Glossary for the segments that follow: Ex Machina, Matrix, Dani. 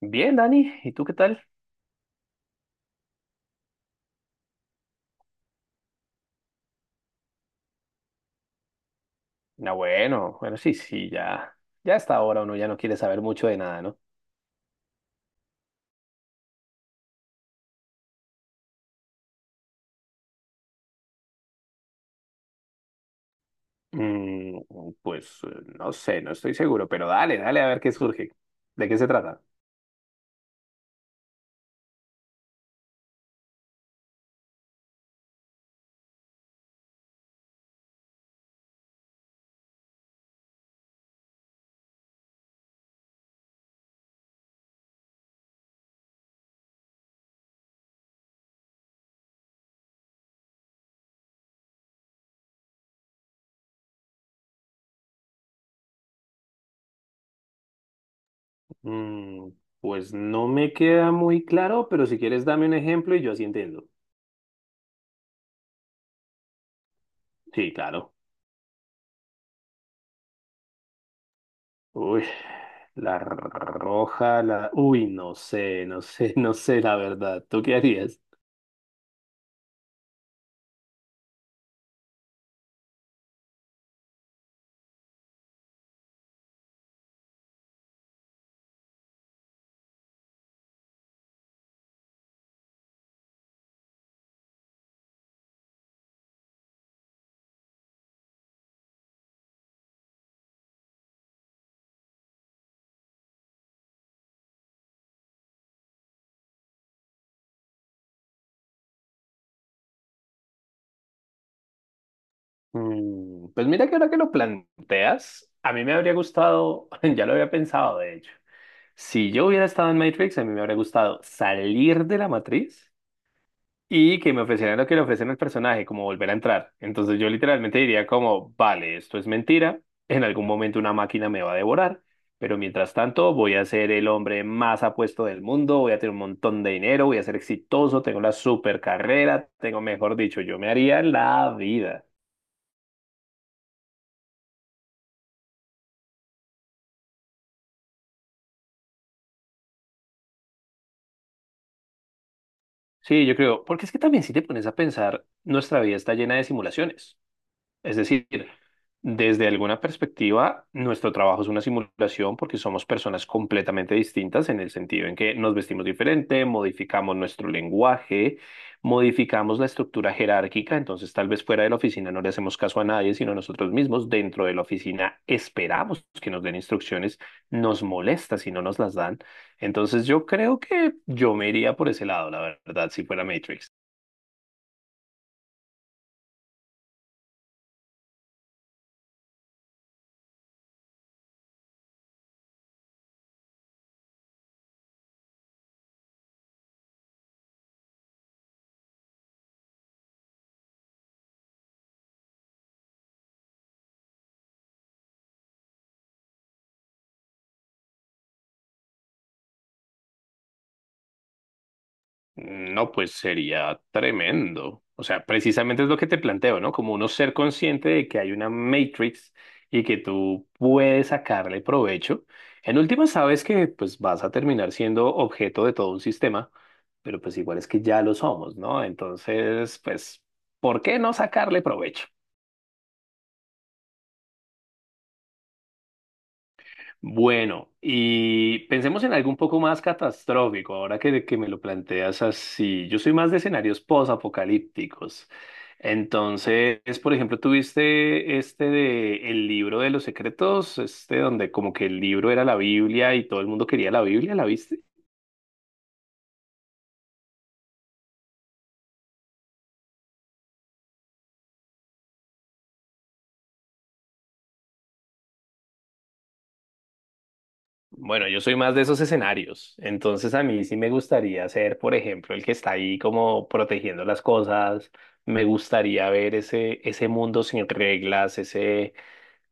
Bien, Dani, ¿y tú qué tal? Ah, bueno, bueno, sí, sí, ya, ya hasta ahora uno ya no quiere saber mucho de nada, ¿no? Mm, pues no sé, no estoy seguro, pero dale, dale a ver qué surge. ¿De qué se trata? Mm, pues no me queda muy claro, pero si quieres dame un ejemplo y yo así entiendo. Sí, claro. Uy, la roja, la... Uy, no sé, no sé, no sé la verdad. ¿Tú qué harías? Pues mira que ahora que lo planteas, a mí me habría gustado, ya lo había pensado de hecho, si yo hubiera estado en Matrix, a mí me habría gustado salir de la matriz y que me ofrecieran lo que le ofrecen al personaje, como volver a entrar. Entonces yo literalmente diría como, vale, esto es mentira, en algún momento una máquina me va a devorar, pero mientras tanto voy a ser el hombre más apuesto del mundo, voy a tener un montón de dinero, voy a ser exitoso, tengo la super carrera, tengo, mejor dicho, yo me haría la vida. Sí, yo creo, porque es que también si te pones a pensar, nuestra vida está llena de simulaciones. Es decir, desde alguna perspectiva, nuestro trabajo es una simulación porque somos personas completamente distintas en el sentido en que nos vestimos diferente, modificamos nuestro lenguaje, modificamos la estructura jerárquica, entonces tal vez fuera de la oficina no le hacemos caso a nadie, sino a nosotros mismos. Dentro de la oficina esperamos que nos den instrucciones, nos molesta si no nos las dan. Entonces yo creo que yo me iría por ese lado, la verdad, si fuera Matrix. No, pues sería tremendo. O sea, precisamente es lo que te planteo, ¿no? Como uno ser consciente de que hay una matrix y que tú puedes sacarle provecho. En última sabes que pues vas a terminar siendo objeto de todo un sistema, pero pues igual es que ya lo somos, ¿no? Entonces, pues, ¿por qué no sacarle provecho? Bueno, y pensemos en algo un poco más catastrófico, ahora que me lo planteas así. Yo soy más de escenarios posapocalípticos. Entonces, por ejemplo, tuviste este de el libro de los secretos, este donde como que el libro era la Biblia y todo el mundo quería la Biblia, ¿la viste? Bueno, yo soy más de esos escenarios. Entonces, a mí sí me gustaría ser, por ejemplo, el que está ahí como protegiendo las cosas. Me gustaría ver ese mundo sin reglas, ese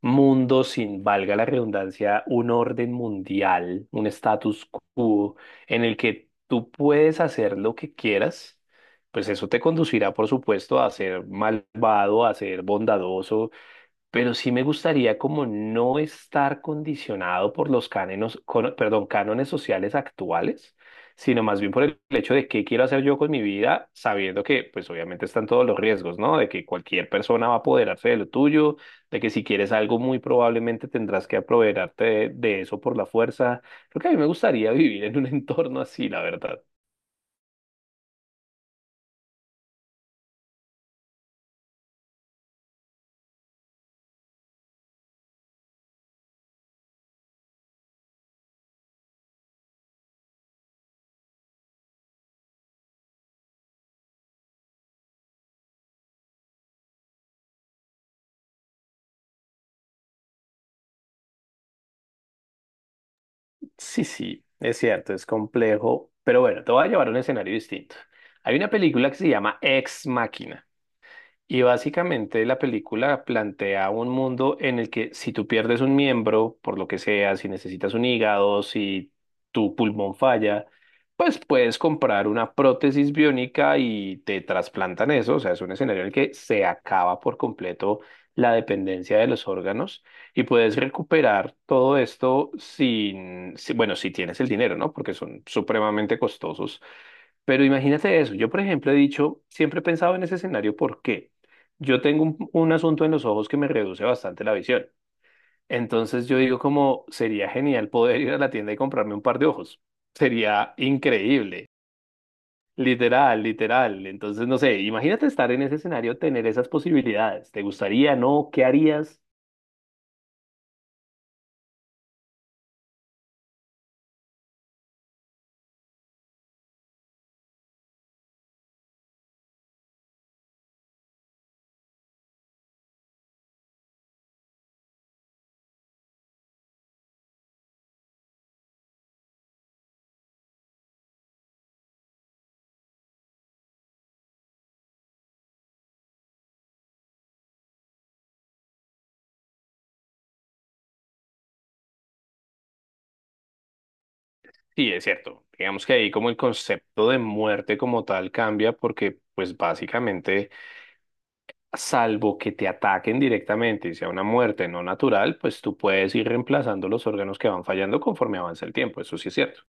mundo sin, valga la redundancia, un orden mundial, un status quo en el que tú puedes hacer lo que quieras, pues eso te conducirá, por supuesto, a ser malvado, a ser bondadoso, pero sí me gustaría como no estar condicionado por los cánones, cánones sociales actuales, sino más bien por el hecho de qué quiero hacer yo con mi vida, sabiendo que pues obviamente están todos los riesgos, ¿no? De que cualquier persona va a apoderarse de lo tuyo, de que si quieres algo muy probablemente tendrás que apoderarte de eso por la fuerza. Creo que a mí me gustaría vivir en un entorno así, la verdad. Sí, sí, es cierto, es complejo, pero bueno, te voy a llevar a un escenario distinto. Hay una película que se llama Ex Machina. Y básicamente la película plantea un mundo en el que si tú pierdes un miembro, por lo que sea, si necesitas un hígado, si tu pulmón falla, pues puedes comprar una prótesis biónica y te trasplantan eso. O sea, es un escenario en el que se acaba por completo la dependencia de los órganos y puedes recuperar todo esto sin, bueno, si tienes el dinero, ¿no? Porque son supremamente costosos pero imagínate eso. Yo, por ejemplo, he dicho, siempre he pensado en ese escenario porque yo tengo un asunto en los ojos que me reduce bastante la visión. Entonces yo digo como sería genial poder ir a la tienda y comprarme un par de ojos. Sería increíble. Literal, literal. Entonces, no sé, imagínate estar en ese escenario, tener esas posibilidades. ¿Te gustaría, no? ¿Qué harías? Sí, es cierto. Digamos que ahí como el concepto de muerte como tal cambia porque pues básicamente... salvo que te ataquen directamente y sea una muerte no natural, pues tú puedes ir reemplazando los órganos que van fallando conforme avanza el tiempo, eso sí es cierto.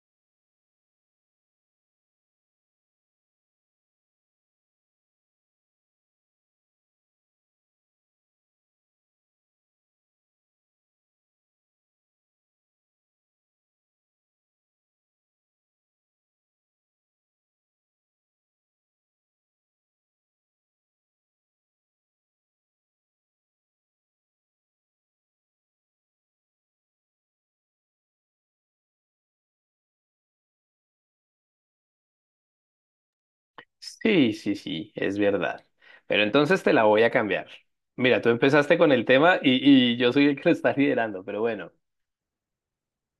Sí, sí, sí, es verdad. Pero entonces te la voy a cambiar. Mira, tú empezaste con el tema y yo soy el que lo está liderando, pero bueno,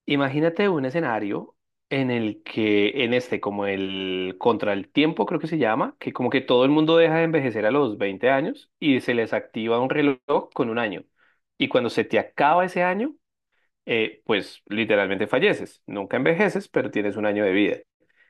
imagínate un escenario en el que, en este, como el contra el tiempo, creo que se llama, que como que todo el mundo deja de envejecer a los 20 años y se les activa un reloj con un año. Y cuando se te acaba ese año, pues literalmente falleces. Nunca envejeces, pero tienes un año de vida.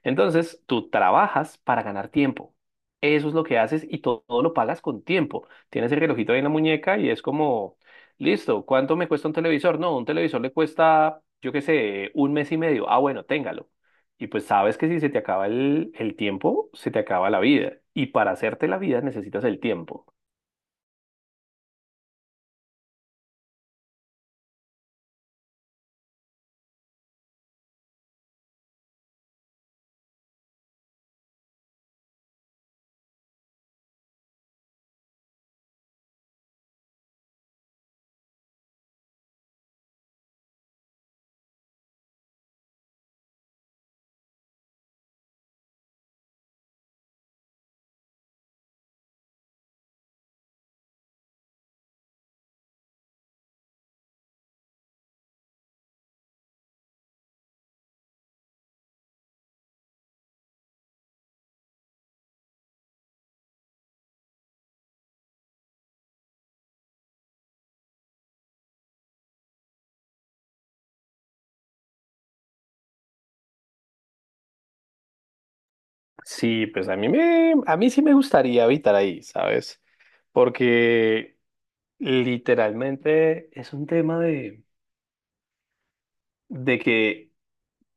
Entonces, tú trabajas para ganar tiempo. Eso es lo que haces y todo, lo pagas con tiempo. Tienes el relojito ahí en la muñeca y es como, listo, ¿cuánto me cuesta un televisor? No, un televisor le cuesta, yo qué sé, un mes y medio. Ah, bueno, téngalo. Y pues sabes que si se te acaba el tiempo, se te acaba la vida. Y para hacerte la vida necesitas el tiempo. Sí, pues a mí a mí sí me gustaría habitar ahí, ¿sabes? Porque literalmente es un tema de que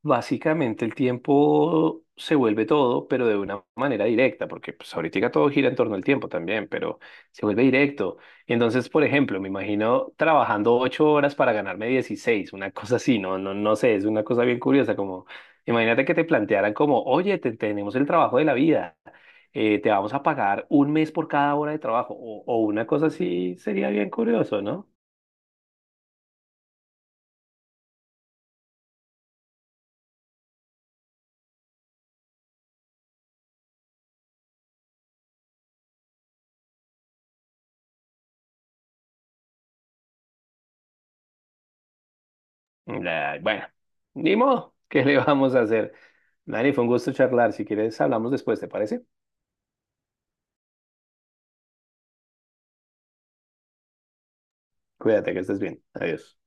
básicamente el tiempo se vuelve todo, pero de una manera directa, porque pues ahorita todo gira en torno al tiempo también, pero se vuelve directo. Entonces, por ejemplo, me imagino trabajando 8 horas para ganarme 16 una cosa así, no, no, no sé, es una cosa bien curiosa, como imagínate que te plantearan como, oye, tenemos el trabajo de la vida, te vamos a pagar un mes por cada hora de trabajo, o una cosa así, sería bien curioso, ¿no? Bueno, ni modo, ¿qué le vamos a hacer? Dani, fue un gusto charlar. Si quieres, hablamos después, ¿te parece? Cuídate, que estés bien. Adiós.